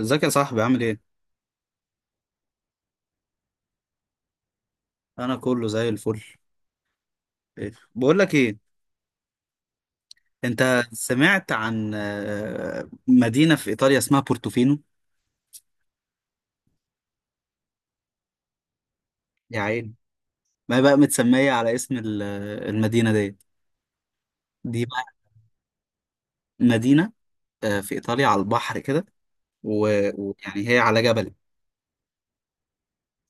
ازيك يا صاحبي، عامل ايه؟ انا كله زي الفل. إيه؟ بقول لك ايه انت. سمعت عن مدينة في ايطاليا اسمها بورتوفينو. يا عين. ما هي بقى متسمية على اسم المدينة دي بقى. مدينة في ايطاليا على البحر كده و- ويعني هي على جبل.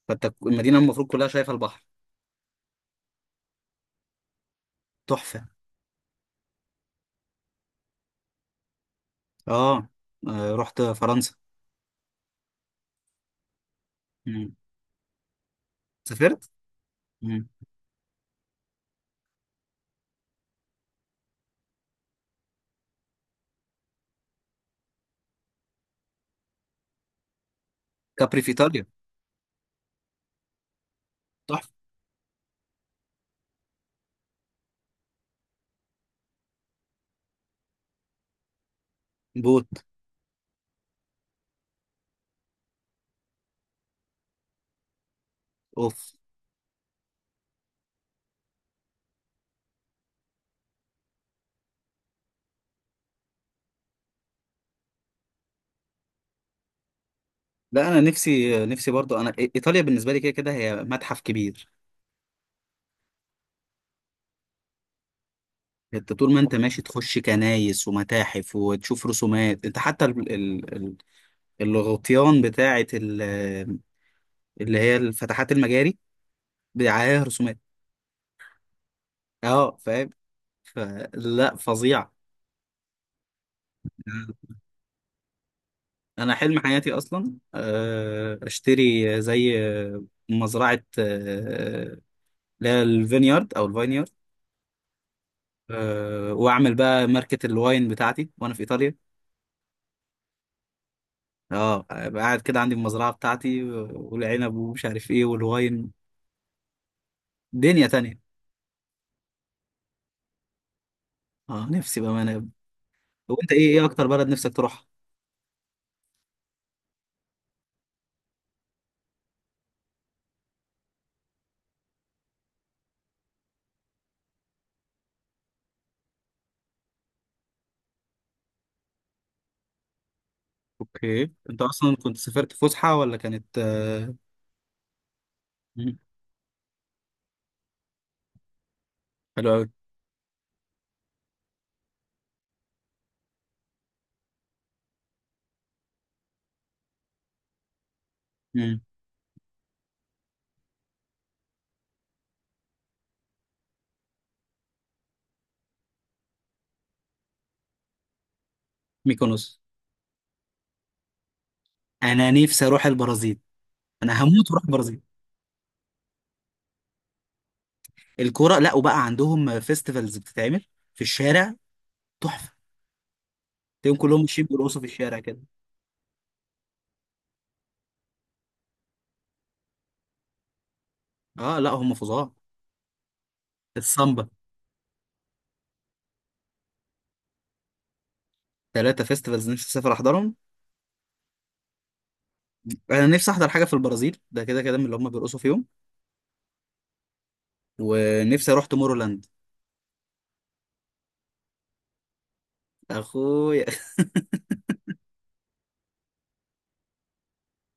فانت المدينة المفروض كلها شايفة البحر. تحفة. اه، رحت فرنسا. مم. سافرت. مم. كابري في ايطاليا. تحفة. بوت. اوف. لا، انا نفسي نفسي برضو، انا ايطاليا بالنسبه لي كده كده هي متحف كبير. انت طول ما انت ماشي تخش كنايس ومتاحف وتشوف رسومات. انت حتى الغطيان بتاعه، اللي هي الفتحات المجاري، عليها رسومات. اه فاهم. فلا، فظيع. انا حلم حياتي اصلا اشتري زي مزرعه، اللي هي الفينيارد او الفاينيارد. واعمل بقى ماركة الواين بتاعتي وانا في ايطاليا. اه أبقى قاعد كده عندي المزرعه بتاعتي والعنب ومش عارف ايه والواين. دنيا تانية. اه نفسي بامانه يا ابني. طب انت ايه اكتر بلد نفسك تروحها؟ اوكي. انت اصلا كنت سافرت فسحه ولا كانت مم. حلو قوي. مم. ميكونوس. انا نفسي اروح البرازيل. انا هموت واروح البرازيل. الكوره، لا وبقى عندهم فيستيفالز بتتعمل في الشارع. تحفه. تلاقيهم كلهم ماشيين بيرقصوا في الشارع كده. اه لا، هم فظاع. السامبا. ثلاثه فيستيفالز نفسي اسافر احضرهم. انا نفسي احضر حاجه في البرازيل ده، كده كده، من اللي هم بيرقصوا فيهم. ونفسي اروح تومورولاند. اخويا.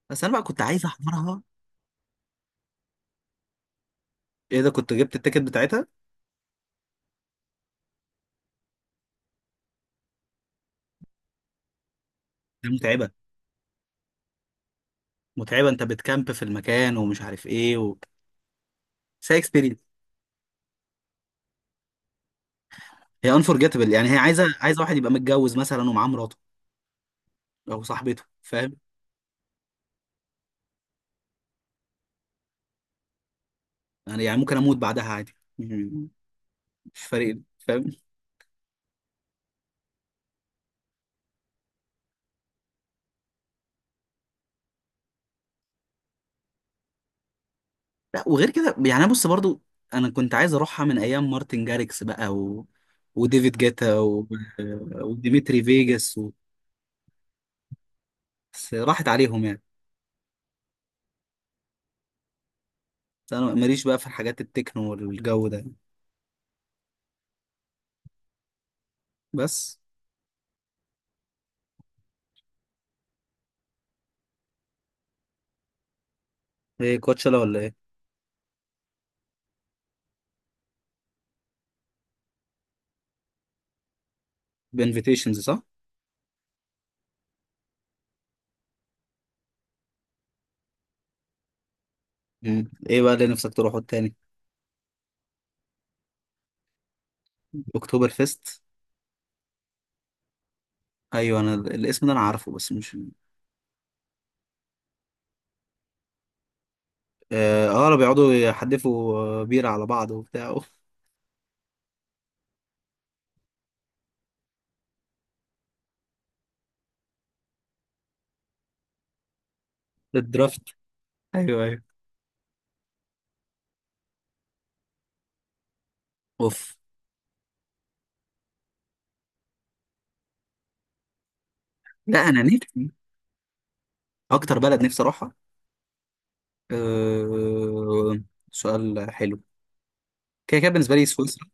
بس انا بقى كنت عايز احضرها. ايه ده، كنت جبت التيكت بتاعتها؟ دي متعبه. متعبه، انت بتكامب في المكان ومش عارف ايه بس هي اكسبيرينس. هي انفورجيتبل، يعني هي عايزه عايزه واحد يبقى متجوز مثلا ومعاه مراته او صاحبته، فاهم. يعني يعني ممكن اموت بعدها عادي. مش فارق لي، فاهم. لا، وغير كده يعني بص برضو، انا كنت عايز اروحها من ايام مارتن جاريكس بقى وديفيد جيتا وديمتري فيجاس. بس راحت عليهم يعني. بس انا ماليش بقى في الحاجات التكنو والجو ده يعني. بس. ايه كوتشالا ولا ايه؟ بانفيتيشنز، صح؟ مم. ايه بقى اللي نفسك تروحه التاني؟ اكتوبر فيست. ايوه، انا الاسم ده انا عارفه بس مش. اه، بيقعدوا يحدفوا بيرة على بعض وبتاع. أوف. الدرافت. ايوه ايوه. اوف. لا، انا نفسي. اكتر بلد نفسي اروحها. أه... سؤال حلو. كده كده بالنسبه لي سويسرا.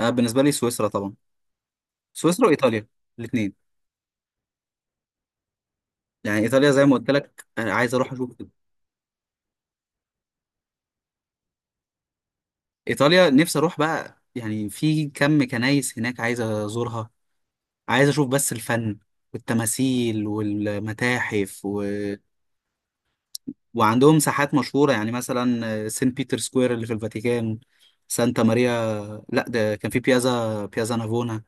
آه، بالنسبه لي سويسرا طبعا. سويسرا وايطاليا. الاثنين. يعني ايطاليا زي ما قلت لك انا عايز اروح اشوف. ايطاليا نفسي اروح بقى، يعني في كم كنايس هناك عايز ازورها. عايز اشوف بس الفن والتماثيل والمتاحف وعندهم ساحات مشهورة، يعني مثلا سان بيتر سكوير اللي في الفاتيكان. سانتا ماريا. لا، ده كان في بيازا نافونا.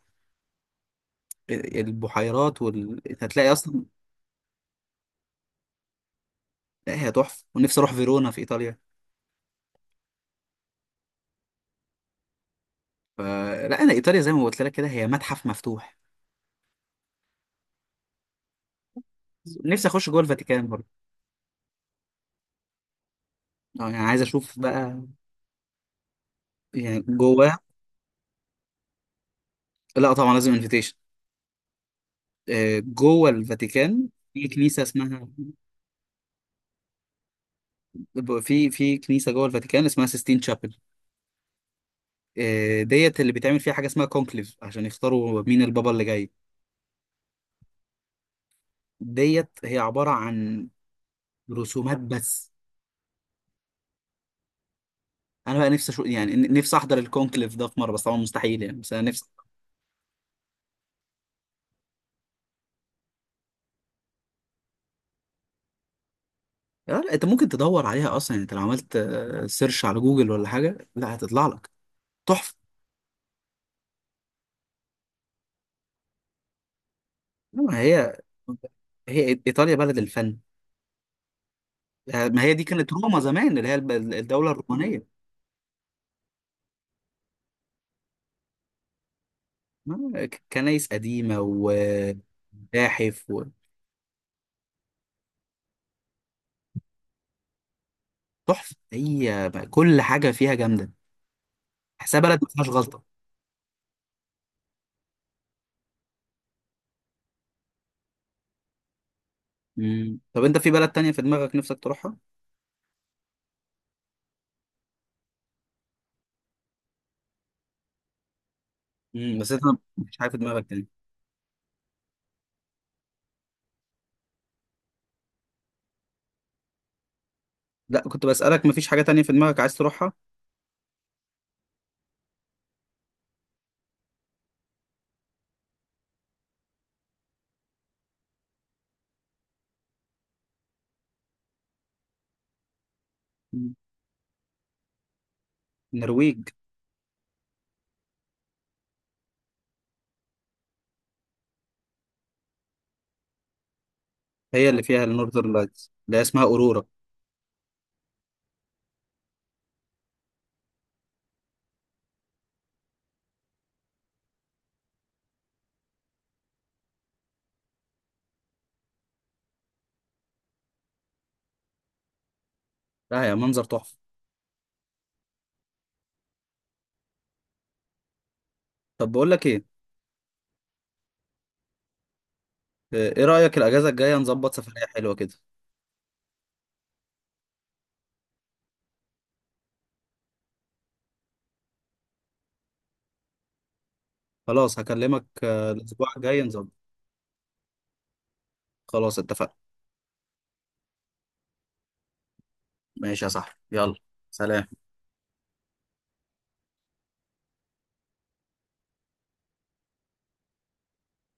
البحيرات هتلاقي اصلا. لا، هي تحفة، ونفسي اروح فيرونا في ايطاليا. فلا، انا ايطاليا زي ما قلت لك كده، هي متحف مفتوح. نفسي اخش جوه الفاتيكان برضه. اه، يعني عايز اشوف بقى. يعني جواه. لا طبعا، لازم انفيتيشن. جوه الفاتيكان. في كنيسه اسمها، في كنيسه جوه الفاتيكان اسمها سيستين تشابل. ديت اللي بيتعمل فيها حاجه اسمها كونكليف، عشان يختاروا مين البابا اللي جاي. ديت هي عباره عن رسومات بس. انا بقى نفسي اشوف يعني، نفسي احضر الكونكليف ده في مره، بس طبعا مستحيل يعني، بس انا نفسي. لا، انت ممكن تدور عليها اصلا. يعني انت لو عملت سيرش على جوجل ولا حاجه، لا، هتطلع لك. تحفه. لا، هي. هي ايطاليا بلد الفن. ما هي دي كانت روما زمان، اللي هي الدولة الرومانية. كنايس قديمة ومتاحف. وتحفة، هي بقى كل حاجة فيها جامدة. تحسها بلد ما فيهاش غلطة. مم. طب انت في بلد تانية في دماغك نفسك تروحها؟ مم. بس انت. مفيش حاجة في دماغك تانية؟ لا، كنت بسألك مفيش حاجة تانية في دماغك عايز تروحها؟ مم. النرويج. هي اللي فيها النورذرن لايتس، اللي هي اسمها اورورا. لا، يا منظر تحفة. طب بقول لك ايه، ايه رأيك الأجازة الجاية نظبط سفرية حلوة كده؟ خلاص، هكلمك الأسبوع الجاي نظبط. خلاص اتفقنا. ماشي يا صاحبي، يلا. سلام.